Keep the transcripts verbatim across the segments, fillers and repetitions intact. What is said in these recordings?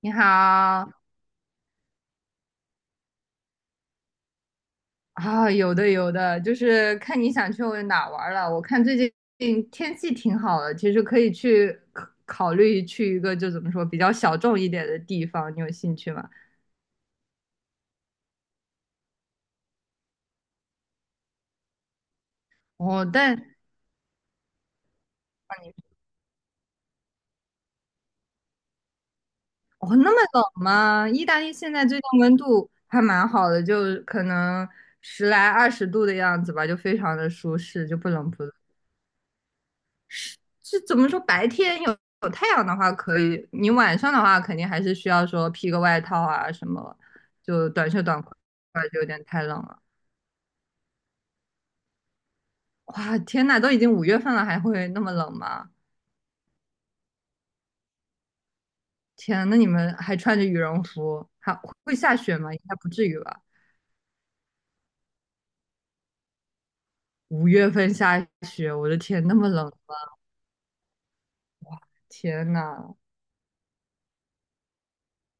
你好啊，有的有的，就是看你想去哪儿玩儿了。我看最近天气挺好的，其实可以去考考虑去一个就怎么说比较小众一点的地方，你有兴趣吗？哦，但哦那么冷吗？意大利现在最近温度还蛮好的，就可能十来二十度的样子吧，就非常的舒适，就不冷不热。是怎么说？白天有有太阳的话可以，你晚上的话肯定还是需要说披个外套啊什么，就短袖短裤就有点太冷了。哇，天呐，都已经五月份了，还会那么冷吗？天，那你们还穿着羽绒服，还会下雪吗？应该不至于吧？五月份下雪，我的天，那么冷，天呐，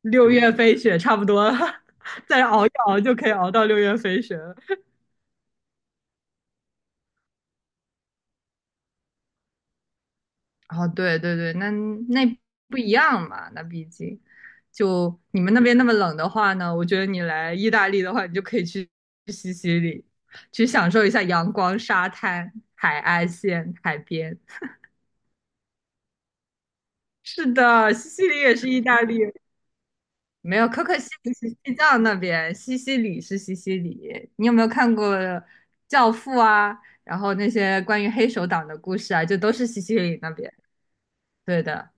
六月飞雪差不多了，再熬一熬就可以熬到六月飞雪了。哦，对对对，那那不一样嘛，那毕竟就你们那边那么冷的话呢，我觉得你来意大利的话，你就可以去去西西里，去享受一下阳光、沙滩、海岸线、海边。是的，西西里也是意大利，没有，可可西里是西藏那边，西西里是西西里。你有没有看过《教父》啊？然后那些关于黑手党的故事啊，就都是西西里那边。对的。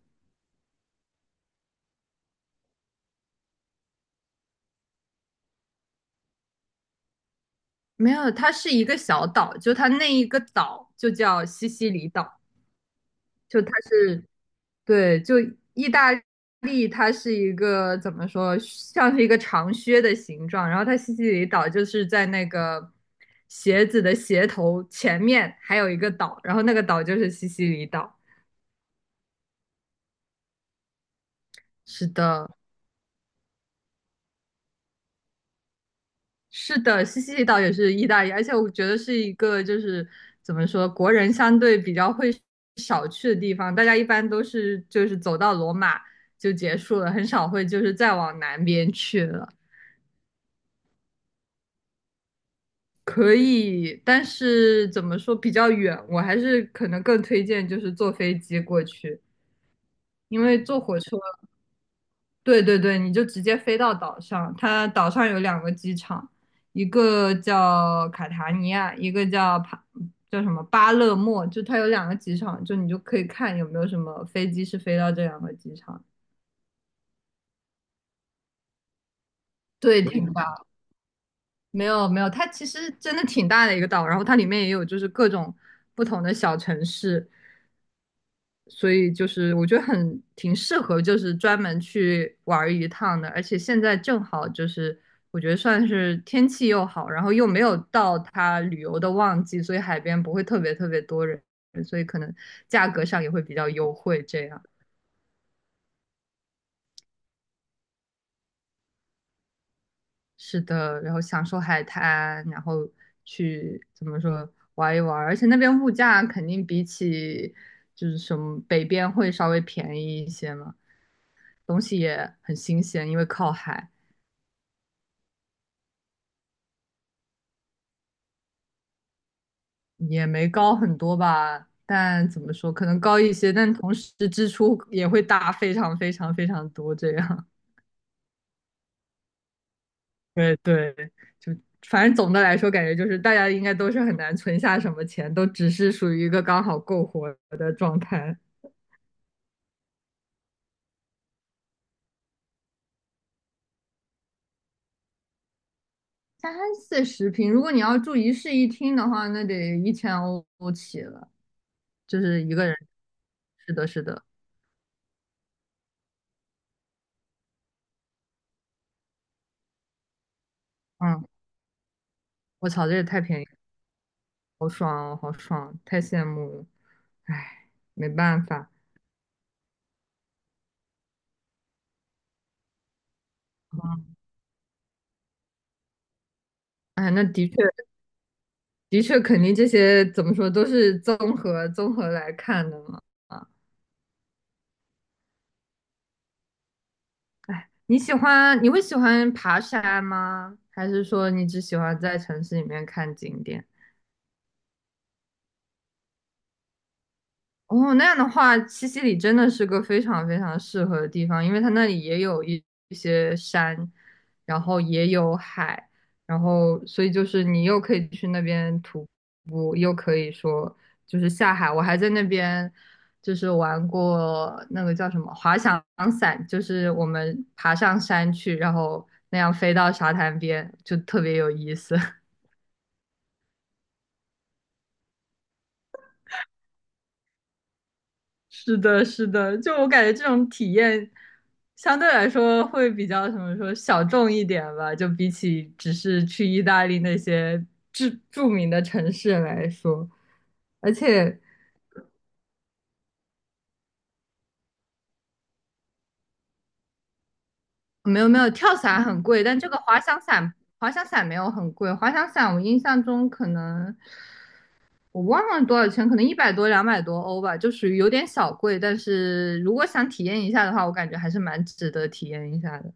没有，它是一个小岛，就它那一个岛就叫西西里岛，就它是，对，就意大利，它是一个怎么说，像是一个长靴的形状，然后它西西里岛就是在那个鞋子的鞋头前面还有一个岛，然后那个岛就是西西里岛。是的，是的，西西里岛也是意大利，而且我觉得是一个就是怎么说，国人相对比较会少去的地方。大家一般都是就是走到罗马就结束了，很少会就是再往南边去了。可以，但是怎么说比较远，我还是可能更推荐就是坐飞机过去，因为坐火车对对对，你就直接飞到岛上。它岛上有两个机场，一个叫卡塔尼亚，一个叫帕，叫什么巴勒莫，就它有两个机场，就你就可以看有没有什么飞机是飞到这两个机场。对，挺大，没有没有，它其实真的挺大的一个岛，然后它里面也有就是各种不同的小城市，所以就是我觉得很挺适合，就是专门去玩一趟的。而且现在正好就是我觉得算是天气又好，然后又没有到它旅游的旺季，所以海边不会特别特别多人，所以可能价格上也会比较优惠。这样是的，然后享受海滩，然后去怎么说玩一玩，而且那边物价肯定比起就是什么北边会稍微便宜一些嘛，东西也很新鲜，因为靠海。也没高很多吧，但怎么说，可能高一些，但同时支出也会大非常非常非常多这样。对对，就反正总的来说，感觉就是大家应该都是很难存下什么钱，都只是属于一个刚好够活的状态。三四十平，如果你要住一室一厅的话，那得一千欧起了，就是一个人。是的，是的，嗯，我操，这也太便宜了，好爽哦，好爽，太羡慕了，唉，没办法。哎，那的确，的确，肯定这些怎么说都是综合综合来看的嘛。啊，哎，你喜欢，你会喜欢爬山吗？还是说你只喜欢在城市里面看景点？哦，那样的话，西西里真的是个非常非常适合的地方，因为它那里也有一一些山，然后也有海，然后所以就是你又可以去那边徒步，又可以说就是下海。我还在那边就是玩过那个叫什么滑翔伞，就是我们爬上山去，然后那样飞到沙滩边，就特别有意思。是的，是的，就我感觉这种体验相对来说会比较什么说小众一点吧，就比起只是去意大利那些著著名的城市来说，而且没有没有，跳伞很贵，但这个滑翔伞滑翔伞没有很贵，滑翔伞我印象中可能我忘了多少钱，可能一百多两百多欧吧，就属于有点小贵，但是如果想体验一下的话，我感觉还是蛮值得体验一下的。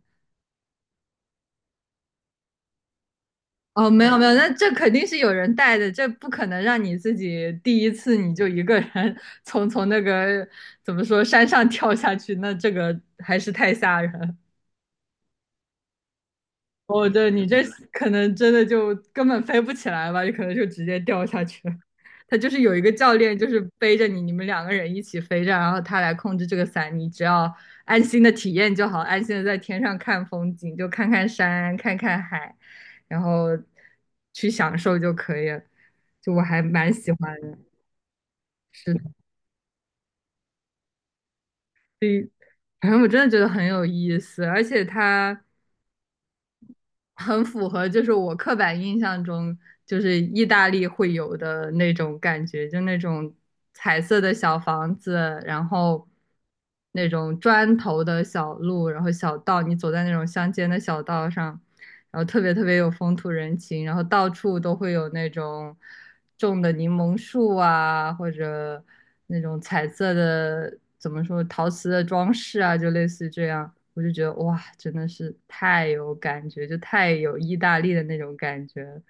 哦，没有没有，那这肯定是有人带的，这不可能让你自己第一次你就一个人 从从那个怎么说山上跳下去，那这个还是太吓人。哦，对你这可能真的就根本飞不起来吧，你可能就直接掉下去了。他就是有一个教练，就是背着你，你们两个人一起飞着，然后他来控制这个伞，你只要安心的体验就好，安心的在天上看风景，就看看山，看看海，然后去享受就可以了。就我还蛮喜欢的，是的，所以反正我真的觉得很有意思，而且它。很符合，就是我刻板印象中，就是意大利会有的那种感觉，就那种彩色的小房子，然后那种砖头的小路，然后小道，你走在那种乡间的小道上，然后特别特别有风土人情，然后到处都会有那种种的柠檬树啊，或者那种彩色的，怎么说，陶瓷的装饰啊，就类似于这样。我就觉得哇，真的是太有感觉，就太有意大利的那种感觉了。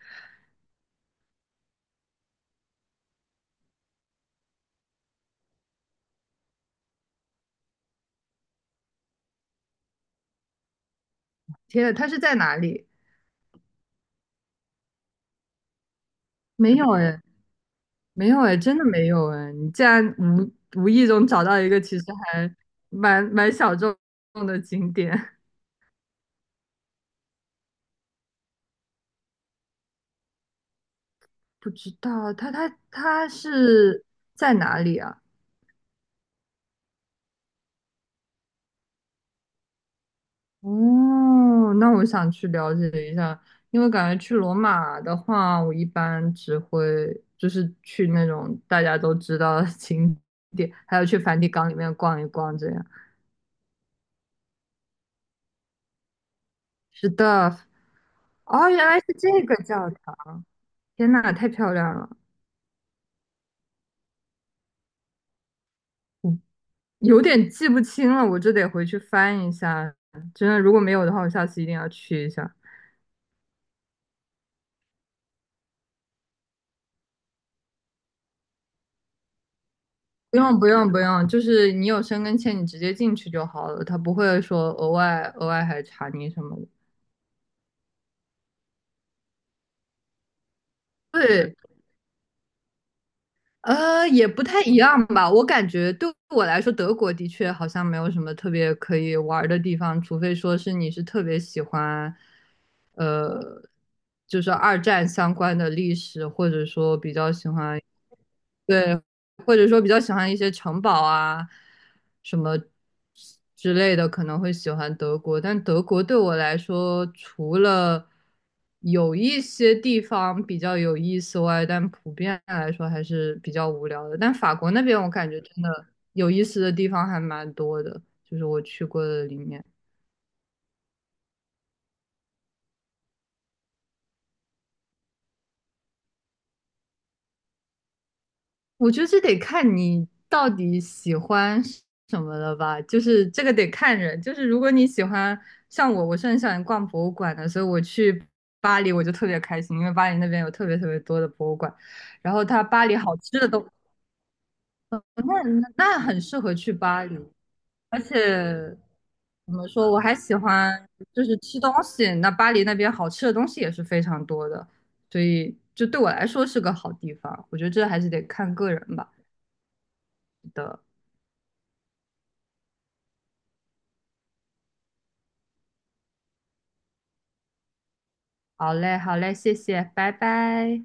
天呐，它是在哪里？没有哎，没有哎，真的没有哎。你竟然无无意中找到一个其实还蛮蛮小众的景点。不知道他他他是在哪里啊？哦，那我想去了解一下，因为感觉去罗马的话，我一般只会就是去那种大家都知道的景点，还有去梵蒂冈里面逛一逛这样。是的，哦，原来是这个教堂，天呐，太漂亮了，我有点记不清了，我这得回去翻一下。真的，如果没有的话，我下次一定要去一下。不用不用不用，就是你有申根签，你直接进去就好了，他不会说额外额外还查你什么的。对，呃，也不太一样吧。我感觉对我来说，德国的确好像没有什么特别可以玩儿的地方，除非说是你是特别喜欢，呃，就是二战相关的历史，或者说比较喜欢，对，或者说比较喜欢一些城堡啊，什么之类的，可能会喜欢德国。但德国对我来说，除了有一些地方比较有意思外，但普遍来说还是比较无聊的。但法国那边，我感觉真的有意思的地方还蛮多的，就是我去过的里面。我觉得这得看你到底喜欢什么了吧，就是这个得看人。就是如果你喜欢，像我，我是很喜欢逛博物馆的，所以我去巴黎我就特别开心，因为巴黎那边有特别特别多的博物馆，然后它巴黎好吃的都，那那很适合去巴黎。而且怎么说，我还喜欢就是吃东西，那巴黎那边好吃的东西也是非常多的，所以就对我来说是个好地方。我觉得这还是得看个人吧。的。好嘞，好嘞，谢谢，拜拜。